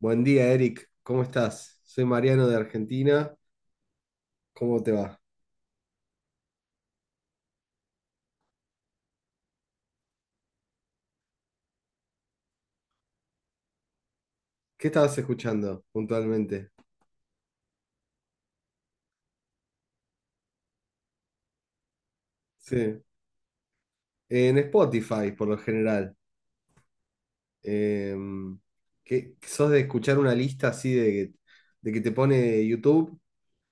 Buen día, Eric. ¿Cómo estás? Soy Mariano de Argentina. ¿Cómo te va? ¿Qué estabas escuchando puntualmente? Sí. En Spotify, por lo general. Eh, ¿Qué, sos de escuchar una lista así de que te pone YouTube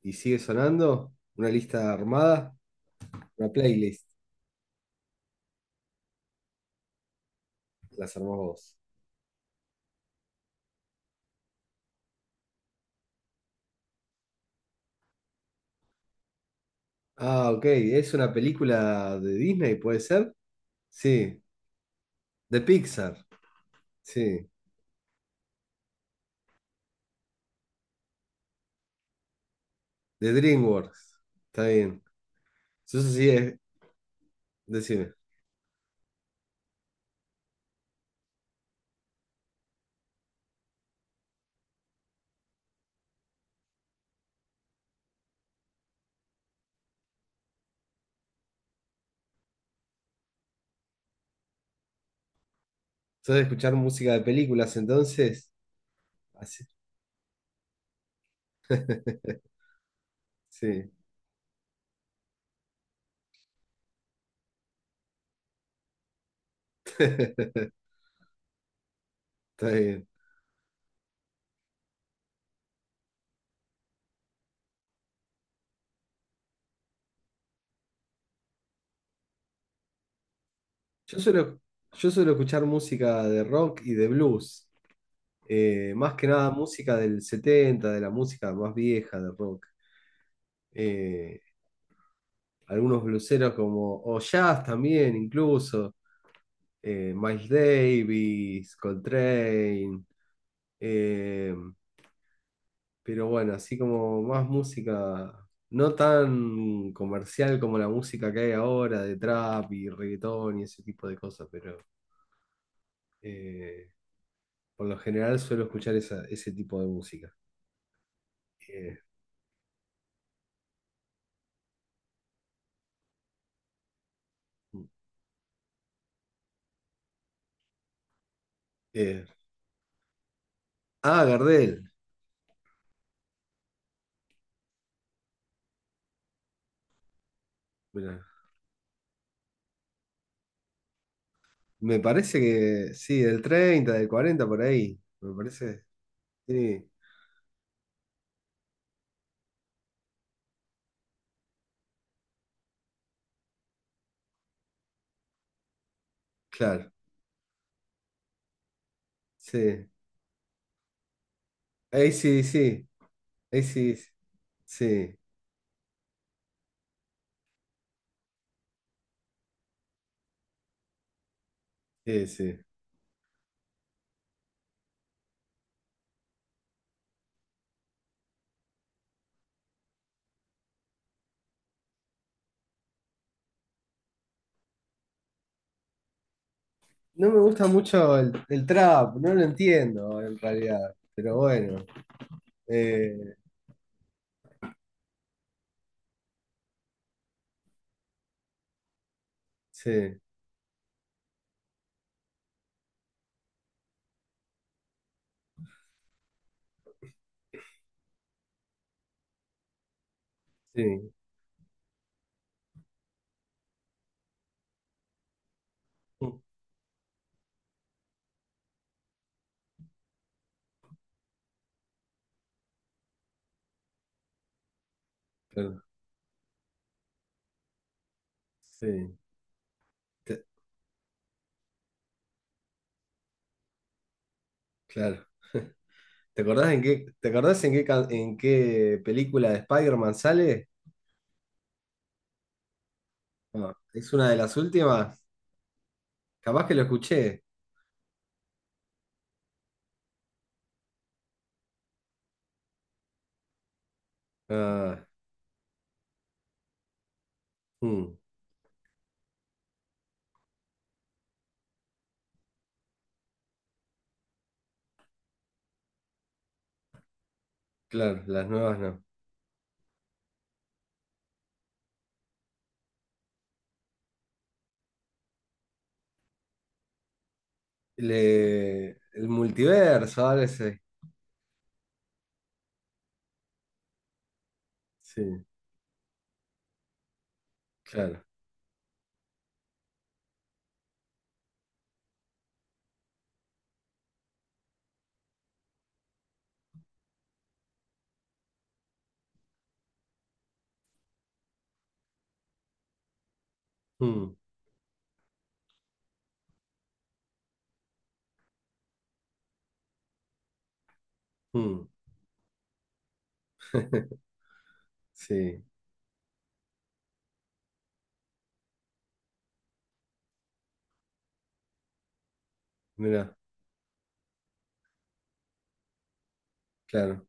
y sigue sonando? ¿Una lista armada? Una playlist. Las armás vos. Ah, ok. ¿Es una película de Disney, puede ser? Sí. De Pixar. Sí. De DreamWorks. Está bien. Eso sí es. Decime. Sos de escuchar música de películas, entonces. Así- sí, está bien. Yo suelo, yo suelo escuchar música de rock y de blues. Más que nada música del 70, de la música más vieja de rock. Eh, algunos blueseros, como o jazz también, incluso. Miles Davis, Coltrane. Eh, Pero bueno, así como más música, no tan comercial como la música que hay ahora de trap y reggaetón y ese tipo de cosas, pero eh, por lo general suelo escuchar ese tipo de música. Eh, eh, Ah, Gardel, mirá, me parece que sí, del 30, del 40 por ahí, me parece. Sí, claro, sí. Ahí sí, sí, ahí sí, sí, sí. Sí. No me gusta mucho el trap, no lo entiendo en realidad, pero bueno. eh, sí, sí, claro, sí. te- claro. ¿Te acordás en qué, te acordás en qué, en qué película de Spider-Man sale? Ah, es una de las últimas, capaz que lo escuché. Ah. Mm. Claro, las nuevas no. Le- el multiverso, ahora sí, sí, claro. Mm. Mm. Sí, mira, claro.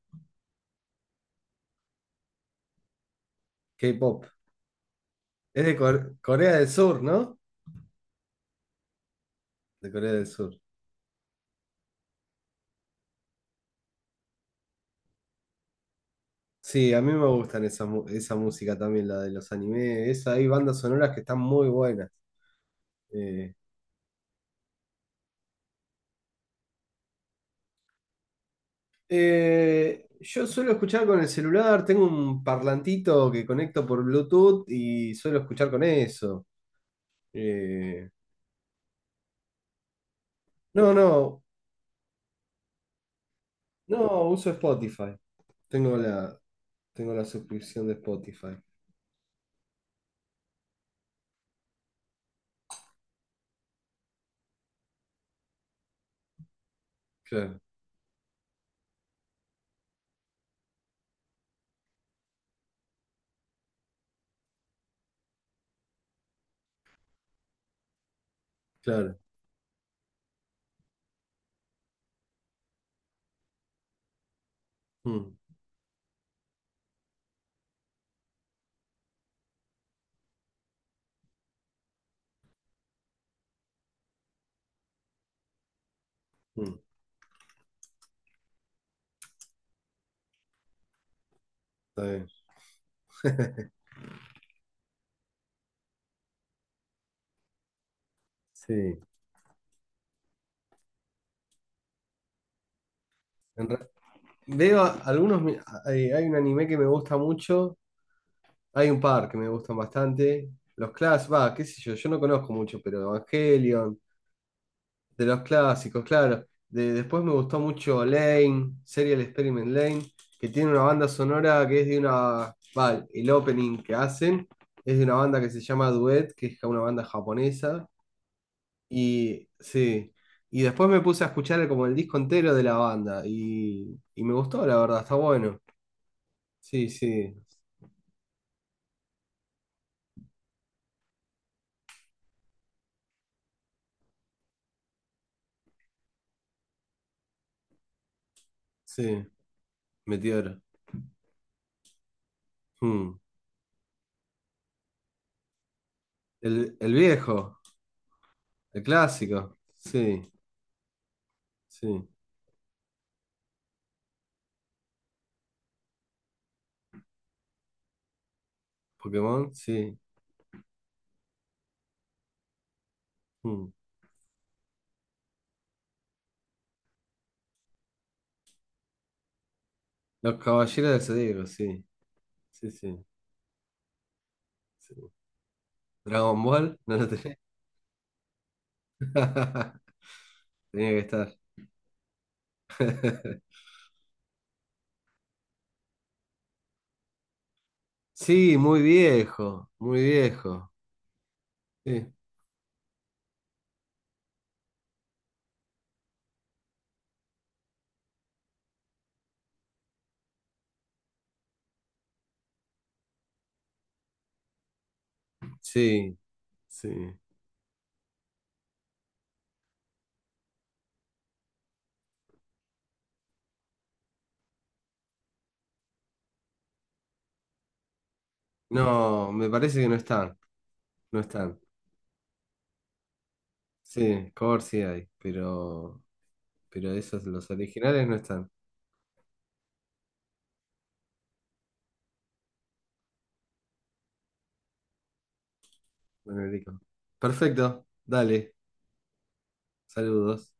K-pop. Es de Corea del Sur, ¿no? De Corea del Sur. Sí, a mí me gustan esa, esa música también, la de los animes. Esa, hay bandas sonoras que están muy buenas. Eh, yo suelo escuchar con el celular, tengo un parlantito que conecto por Bluetooth y suelo escuchar con eso. Eh, no, no, no, uso Spotify. Tengo la, tengo la suscripción de Spotify. Claro, claro. Mm. Mm. Está bien. Sí. En Veo algunos. Hay un anime que me gusta mucho, hay un par que me gustan bastante. Los clásicos, va, qué sé yo, yo no conozco mucho, pero Evangelion, de los clásicos, claro. De, después me gustó mucho Lane, Serial Experiment Lane, que tiene una banda sonora que es de una, va, el opening que hacen es de una banda que se llama Duet, que es una banda japonesa. Y sí, y después me puse a escuchar como el disco entero de la banda y me gustó, la verdad, está bueno. Sí, sí. Sí, Meteoro. Hmm. El viejo, el clásico. Sí, sí. Pokémon, sí. Hmm. Los Caballeros del Zodíaco, sí. Sí, sí, sí. Dragon Ball, no lo tenés. Tenía que estar. Sí, muy viejo, muy viejo. Sí, sí, sí. No, me parece que no están, no están. Sí, cover sí hay, pero esos, los originales no están. Bueno, Nico. Perfecto, dale. Saludos.